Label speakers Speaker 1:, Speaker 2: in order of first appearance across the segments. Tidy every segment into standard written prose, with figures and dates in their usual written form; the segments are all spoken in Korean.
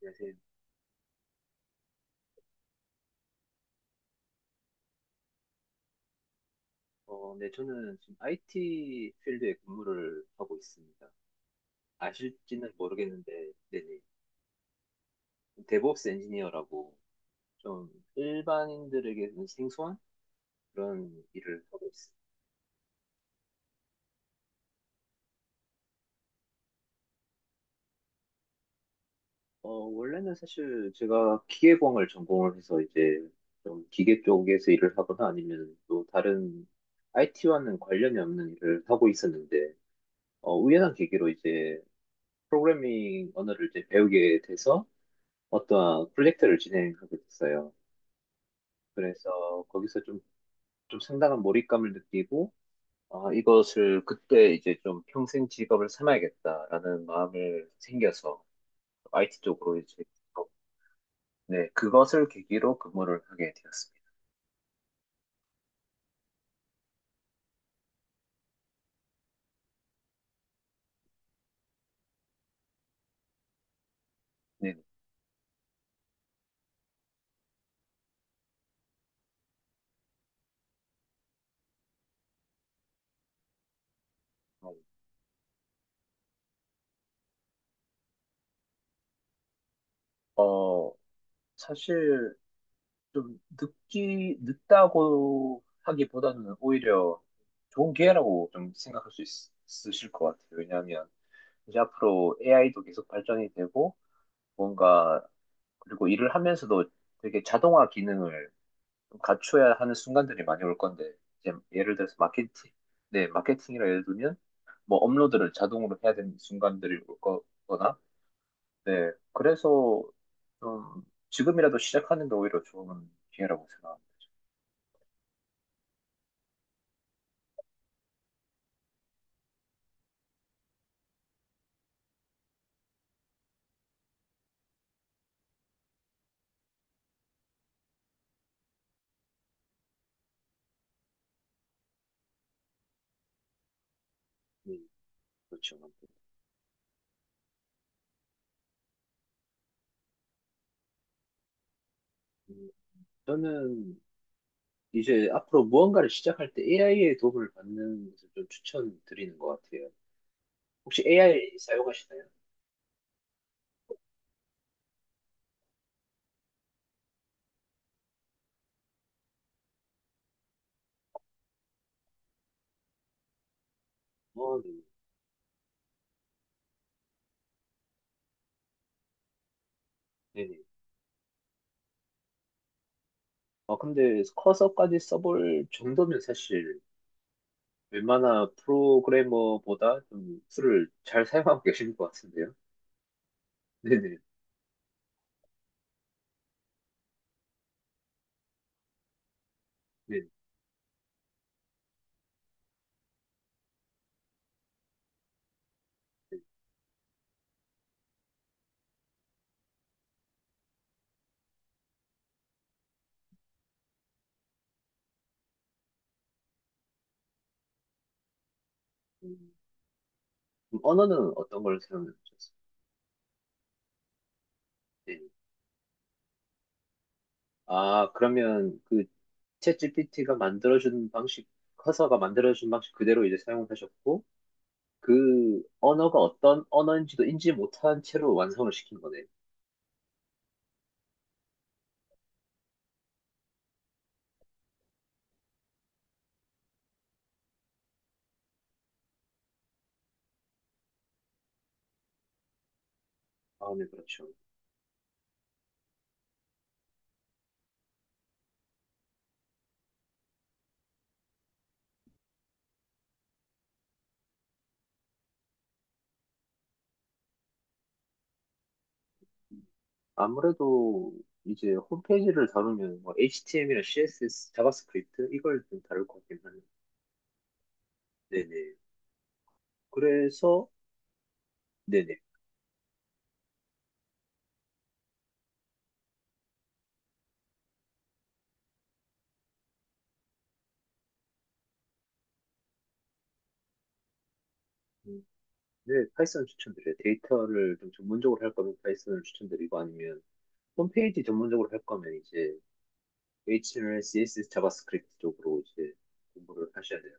Speaker 1: 안녕하세요. 저는 지금 IT 필드에 근무를 하고 있습니다. 아실지는 모르겠는데, 네네. DevOps 엔지니어라고 좀 일반인들에게는 생소한 그런 일을 하고 있습니다. 원래는 사실 제가 기계공을 전공을 해서 이제 좀 기계 쪽에서 일을 하거나 아니면 또 다른 IT와는 관련이 없는 일을 하고 있었는데, 우연한 계기로 이제 프로그래밍 언어를 이제 배우게 돼서 어떠한 프로젝트를 진행하게 됐어요. 그래서 거기서 좀 상당한 몰입감을 느끼고, 아, 이것을 그때 이제 좀 평생 직업을 삼아야겠다라는 마음을 생겨서 IT 쪽으로 어, 네, 그것을 계기로 근무를 하게 되었습니다. 네. 어, 사실 좀 늦다고 하기보다는 오히려 좋은 기회라고 좀 생각할 수 있으실 것 같아요. 왜냐하면 이제 앞으로 AI도 계속 발전이 되고, 뭔가, 그리고 일을 하면서도 되게 자동화 기능을 좀 갖춰야 하는 순간들이 많이 올 건데, 이제 예를 들어서 마케팅, 네, 마케팅이라 예를 들면, 뭐 업로드를 자동으로 해야 되는 순간들이 올 거거나, 네, 그래서 좀 지금이라도 시작하는 게 오히려 좋은 기회라고 생각합니다. 음, 그렇죠. 음, 저는 이제 앞으로 무언가를 시작할 때 AI의 도움을 받는 것을 좀 추천드리는 것 같아요. 혹시 AI 사용하시나요? 어, 네. 네. 아, 근데 커서까지 써볼 정도면 사실 웬만한 프로그래머보다 좀 툴을 잘 사용하고 계시는 것 같은데요? 네네. 네. 네. 음, 그럼 언어는 어떤 걸 사용하셨어요? 네. 아, 그러면 그 챗GPT가 만들어준 방식, 커서가 만들어준 방식 그대로 이제 사용하셨고, 그 언어가 어떤 언어인지도 인지 못한 채로 완성을 시킨 거네요. 아, 네, 그렇죠. 아무래도 이제 홈페이지를 다루면 뭐 HTML이나 CSS, 자바스크립트 이걸 좀 다룰 것 같긴 한데 네네. 그래서 네네. 음, 네, 파이썬 추천드려요. 데이터를 좀 전문적으로 할 거면 파이썬을 추천드리고 아니면 홈페이지 전문적으로 할 거면 이제 HTML, CSS, 자바스크립트 쪽으로 이제 공부를 하셔야 돼요.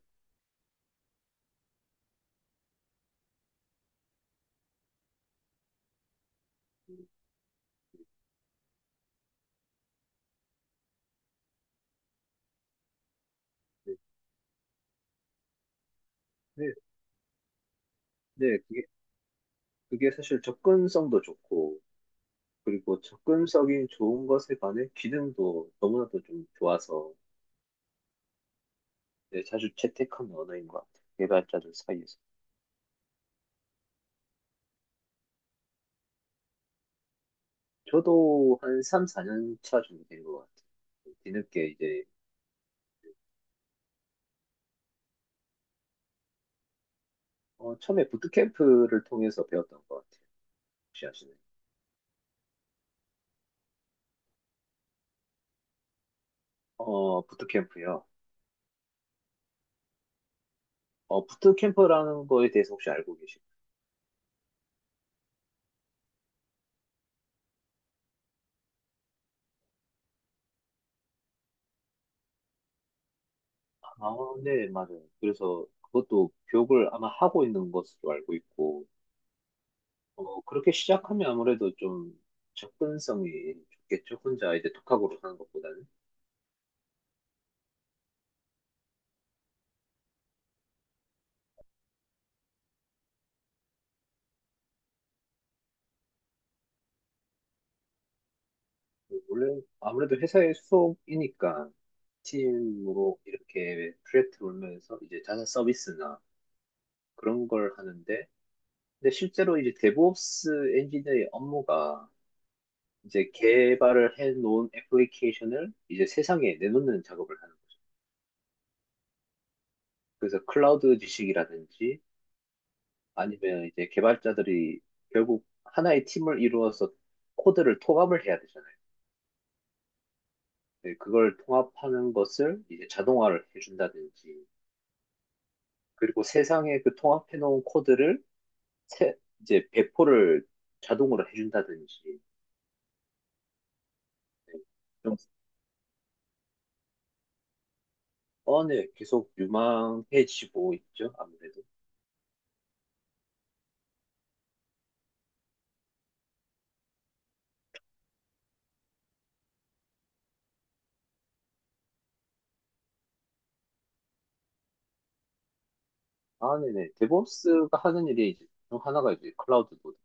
Speaker 1: 음, 네, 네, 네, 그게 사실 접근성도 좋고 그리고 접근성이 좋은 것에 반해 기능도 너무나도 좀 좋아서 네, 자주 채택하는 언어인 것 같아요. 개발자들 사이에서. 저도 한 3, 4년 차 정도 된 것 같아요. 뒤늦게 처음에 부트캠프를 통해서 배웠던 것 같아요. 혹시 아시나요? 어, 부트캠프요. 부트캠프라는 거에 대해서 혹시 알고 계십니까? 아, 네, 맞아요. 그래서 그것도 교육을 아마 하고 있는 것으로 알고 있고, 그렇게 시작하면 아무래도 좀 접근성이 좋겠죠. 혼자 이제 독학으로 하는 것보다는. 원래 아무래도 회사의 소속이니까 팀으로 이렇게 프로젝트 돌면서 이제 자사 서비스나 그런 걸 하는데 근데 실제로 이제 DevOps 엔지니어의 업무가 이제 개발을 해놓은 애플리케이션을 이제 세상에 내놓는 작업을 하는 거죠. 그래서 클라우드 지식이라든지 아니면 이제 개발자들이 결국 하나의 팀을 이루어서 코드를 통합을 해야 되잖아요. 네, 그걸 통합하는 것을 이제 자동화를 해준다든지 그리고 세상에 그 통합해놓은 코드를 세- 이제 배포를 자동으로 해준다든지 네. 좀 어, 네, 계속 유망해지고 있죠, 아무래도. 아, 네네. 데브옵스가 하는 일이 이제 중 하나가 이제 클라우드 노드.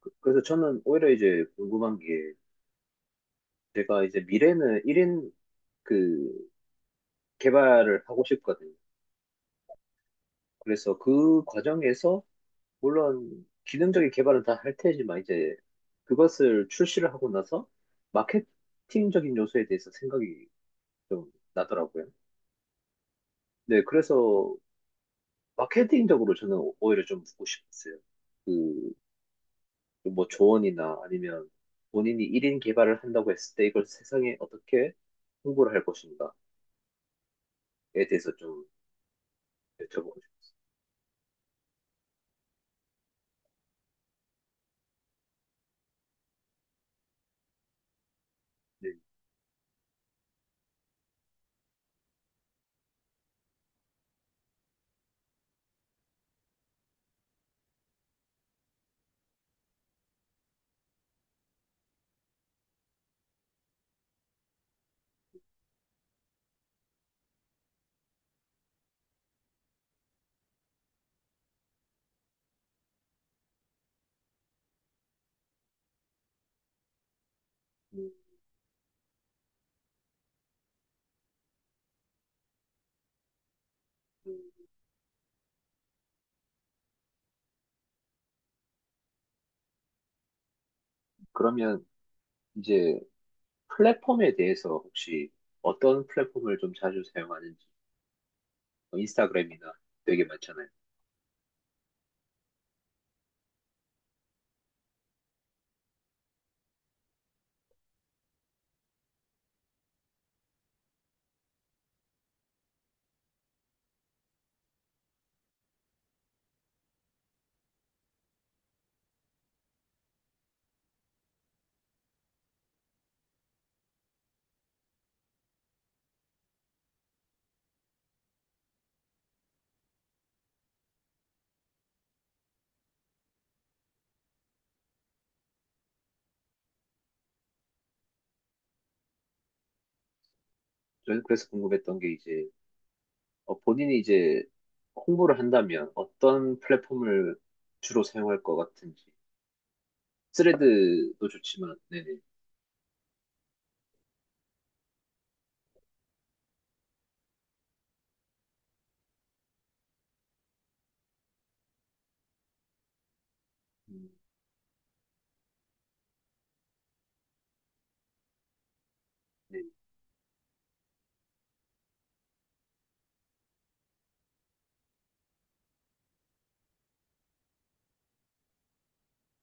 Speaker 1: 그래서 저는 오히려 이제 궁금한 게 제가 이제 미래는 1인 그 개발을 하고 싶거든요. 그래서 그 과정에서 물론 기능적인 개발은 다 할 테지만 이제 그것을 출시를 하고 나서 마케팅적인 요소에 대해서 생각이 좀 나더라고요. 네, 그래서 마케팅적으로 저는 오히려 좀 묻고 싶었어요. 그 뭐 조언이나 아니면 본인이 1인 개발을 한다고 했을 때 이걸 세상에 어떻게 홍보를 할 것인가에 대해서 좀 여쭤보고 싶었어요. 네, 음, 그러면 이제 플랫폼에 대해서 혹시 어떤 플랫폼을 좀 자주 사용하는지 인스타그램이나 되게 많잖아요. 저는 그래서 궁금했던 게 이제 본인이 이제 홍보를 한다면 어떤 플랫폼을 주로 사용할 것 같은지 스레드도 좋지만 네네 음, 네,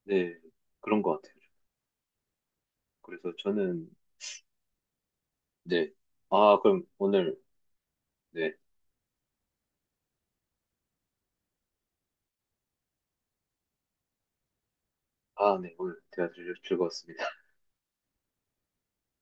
Speaker 1: 네. 그런 것 같아요. 그래서 저는 네. 아, 그럼 오늘 네. 아, 네, 오늘 대화 즐거웠습니다.